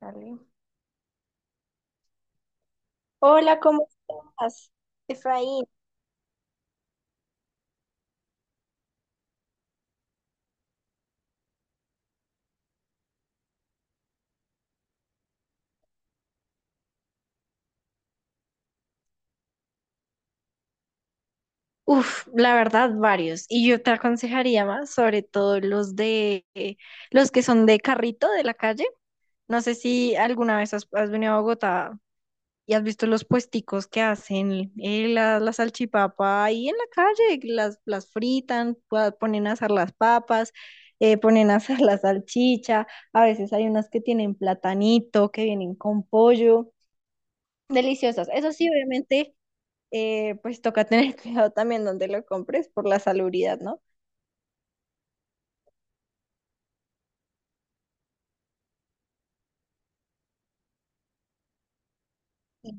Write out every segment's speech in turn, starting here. Dale. Hola, ¿cómo estás, Efraín? Uf, la verdad, varios. Y yo te aconsejaría más, sobre todo los de los que son de carrito de la calle. No sé si alguna vez has venido a Bogotá y has visto los puesticos que hacen la salchipapa ahí en la calle, las fritan, ponen a asar las papas, ponen a asar la salchicha. A veces hay unas que tienen platanito, que vienen con pollo. Deliciosas. Eso sí, obviamente. Pues toca tener cuidado también donde lo compres por la salubridad, ¿no? Ujú.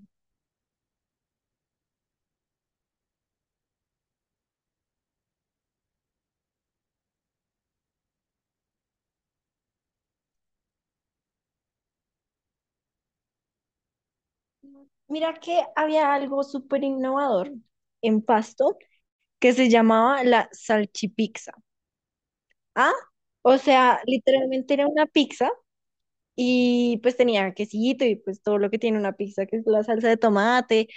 Mira que había algo súper innovador en Pasto que se llamaba la salchipizza. ¿Ah? O sea, literalmente era una pizza y pues tenía quesito y pues todo lo que tiene una pizza, que es la salsa de tomate,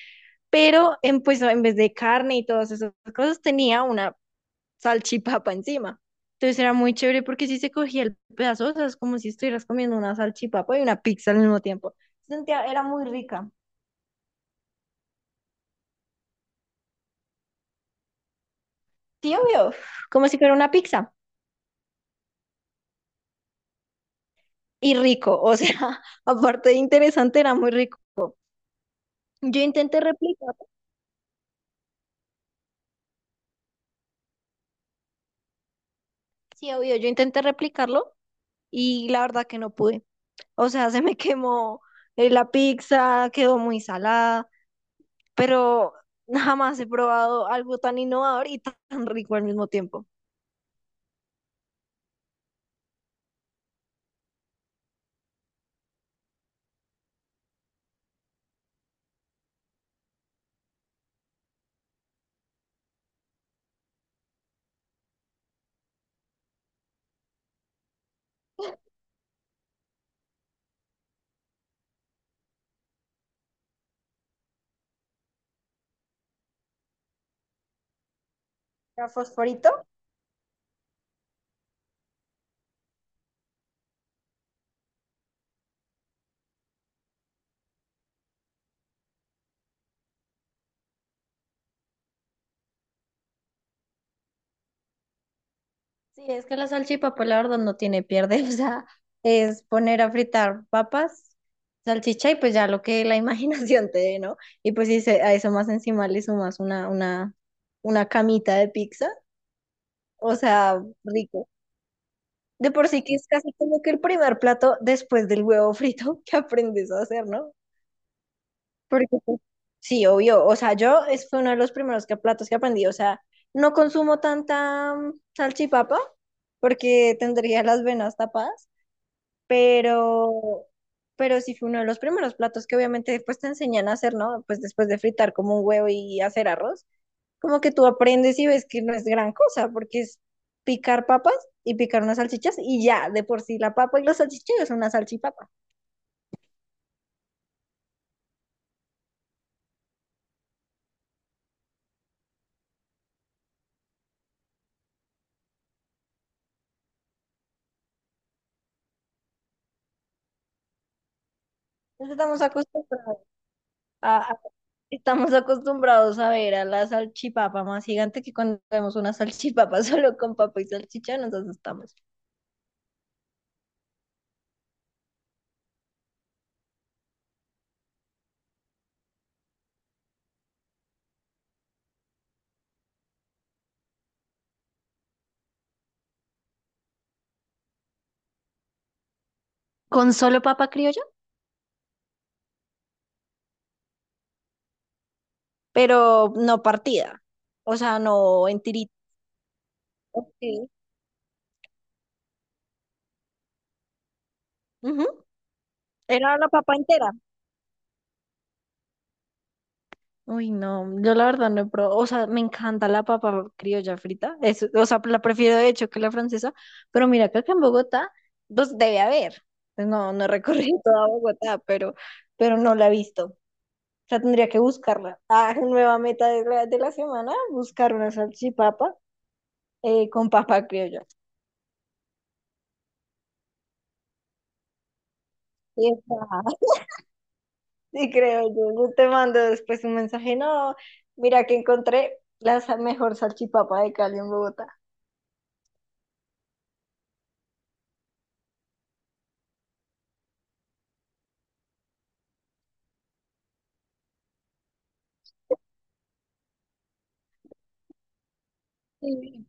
pero pues en vez de carne y todas esas cosas tenía una salchipapa encima. Entonces era muy chévere porque si se cogía el pedazo, o sea, es como si estuvieras comiendo una salchipapa y una pizza al mismo tiempo. Sentía, era muy rica. Sí, obvio, como si fuera una pizza. Y rico, o sea, aparte de interesante, era muy rico. Yo intenté replicarlo, sí, obvio, yo intenté replicarlo y la verdad que no pude. O sea, se me quemó la pizza, quedó muy salada, pero jamás he probado algo tan innovador y tan rico al mismo tiempo. ¿Era fosforito? Sí, es que la salchipapa, la verdad, no tiene pierde. O sea, es poner a fritar papas, salchicha y pues ya lo que la imaginación te dé, ¿no? Y pues si a eso más encima le sumas una camita de pizza, o sea, rico. De por sí que es casi como que el primer plato después del huevo frito que aprendes a hacer, ¿no? Porque pues, sí, obvio. O sea, yo es fue uno de los primeros platos que aprendí. O sea, no consumo tanta salchipapa porque tendría las venas tapadas. pero, pero sí fue uno de los primeros platos que obviamente después te enseñan a hacer, ¿no? Pues después de fritar como un huevo y hacer arroz, como que tú aprendes y ves que no es gran cosa, porque es picar papas y picar unas salchichas y ya, de por sí la papa y los salchichas es una salchipapa. Entonces estamos acostumbrados a, a- estamos acostumbrados a ver a la salchipapa más gigante que cuando vemos una salchipapa solo con papa y salchicha, nosotros estamos. ¿Con solo papa criolla? Pero no partida, o sea, no en tirito. Ok. Ujú, era la papa entera. Uy, no, yo la verdad no he probado, o sea, me encanta la papa criolla frita, es, o sea, la prefiero de hecho que la francesa, pero mira que acá en Bogotá, pues debe haber. Pues no, no he recorrido toda Bogotá, pero no la he visto, o sea, tendría que buscarla. Ah, nueva meta de la semana, buscar una salchipapa con papa criolla. Y está. Sí, creo yo. Yo te mando después un mensaje. No, mira que encontré la mejor salchipapa de Cali en Bogotá. Sí.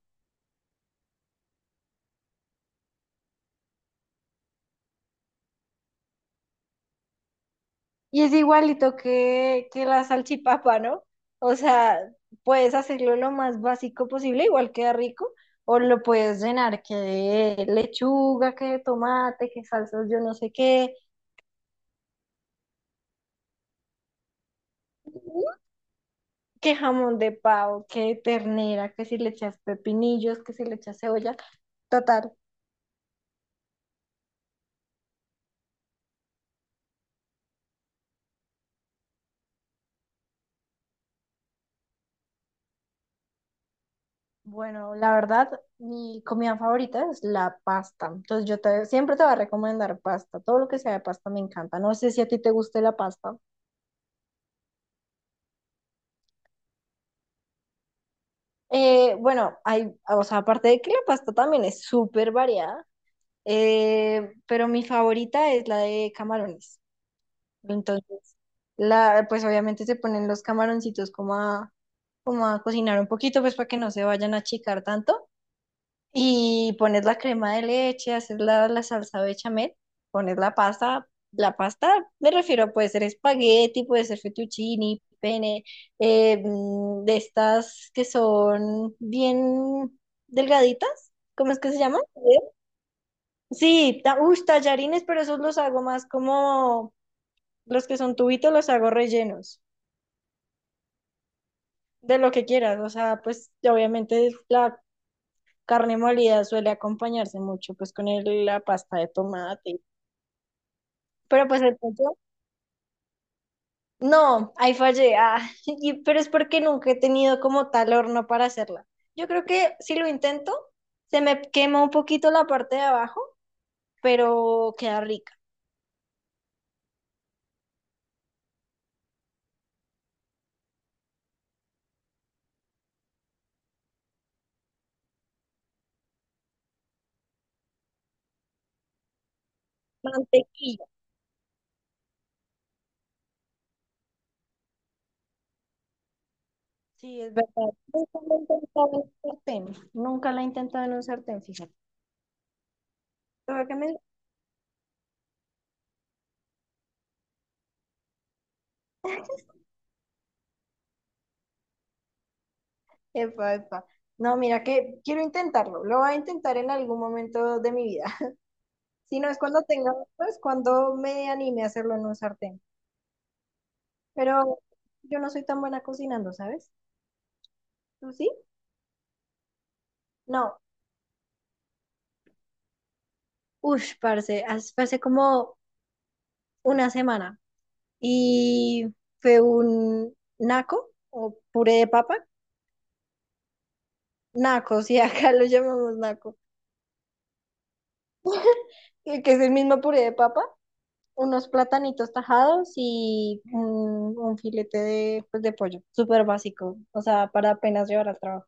Y es igualito que la salchipapa, ¿no? O sea, puedes hacerlo lo más básico posible, igual queda rico, o lo puedes llenar que de lechuga, que de tomate, que salsas, yo no sé qué, que jamón de pavo, que ternera, que si le echas pepinillos, que si le echas cebolla. Total. Bueno, la verdad, mi comida favorita es la pasta. Entonces siempre te voy a recomendar pasta. Todo lo que sea de pasta me encanta. No sé si a ti te guste la pasta. Bueno, hay, o sea, aparte de que la pasta también es súper variada, pero mi favorita es la de camarones. Entonces, la, pues obviamente se ponen los camaroncitos como a cocinar un poquito, pues para que no se vayan a achicar tanto. Y pones la crema de leche, haces la salsa bechamel, pones la pasta. La pasta, me refiero, puede ser espagueti, puede ser fettuccini, pene, de estas que son bien delgaditas. ¿Cómo es que se llaman? Sí, ta, uy, tallarines, pero esos los hago más como los que son tubitos, los hago rellenos de lo que quieras. O sea, pues obviamente la carne molida suele acompañarse mucho pues con la pasta de tomate. Pero pues el pollo, no, ahí fallé. Ah, pero es porque nunca he tenido como tal horno para hacerla. Yo creo que si lo intento, se me quema un poquito la parte de abajo, pero queda rica. Mantequilla, sí, es verdad. Nunca la he intentado en un sartén. Nunca la he intentado en un sartén, fíjate. Tuve que me- Epa, epa. No, mira que quiero intentarlo. Lo voy a intentar en algún momento de mi vida. Si no es cuando tenga, pues cuando me anime a hacerlo en un sartén. Pero yo no soy tan buena cocinando, ¿sabes? ¿Tú sí? No, uff, parce, hace como una semana y fue un naco o puré de papa. Naco, sí, acá lo llamamos naco. Que es el mismo puré de papa. Unos platanitos tajados y un filete de, pues, de pollo. Súper básico, o sea, para apenas llevar al trabajo.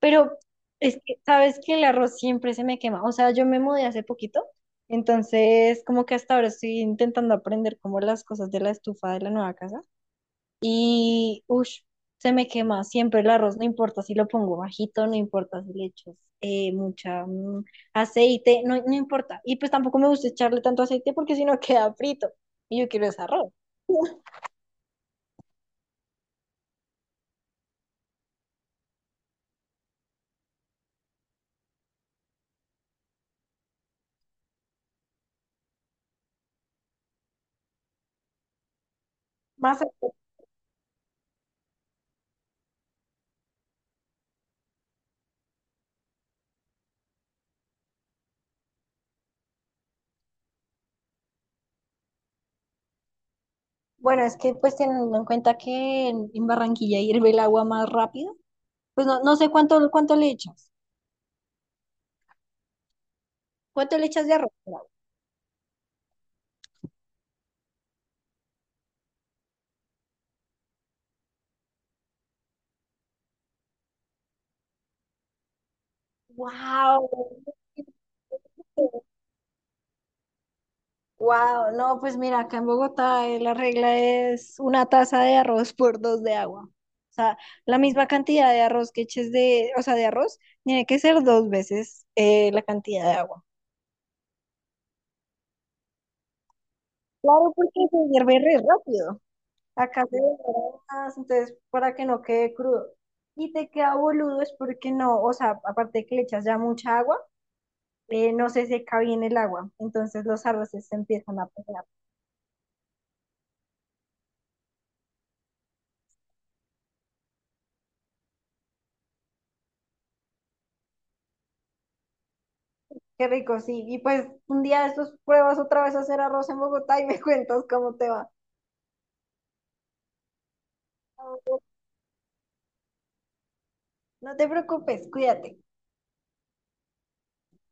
Pero es que, sabes que el arroz siempre se me quema. O sea, yo me mudé hace poquito, entonces como que hasta ahora estoy intentando aprender como las cosas de la estufa de la nueva casa. Y, uff, se me quema siempre el arroz, no importa si lo pongo bajito, no importa si le echo mucha aceite, no, no importa. Y pues tampoco me gusta echarle tanto aceite porque si no queda frito. Y yo quiero ese arroz. Más, bueno, es que pues teniendo en cuenta que en Barranquilla hierve el agua más rápido. Pues no, no sé cuánto le echas. ¿Cuánto le echas de arroz? Wow. Wow, no, pues mira, acá en Bogotá la regla es una taza de arroz por dos de agua. O sea, la misma cantidad de arroz que eches de, o sea, de arroz, tiene que ser dos veces la cantidad de agua. Claro, porque se hierve re rápido. Acá se demora más, entonces para que no quede crudo. Y te queda boludo es porque no, o sea, aparte de que le echas ya mucha agua. No se seca bien el agua, entonces los arroces se empiezan a pegar. Qué rico, sí. Y pues un día de estos pruebas otra vez a hacer arroz en Bogotá y me cuentas cómo te va. No te preocupes, cuídate.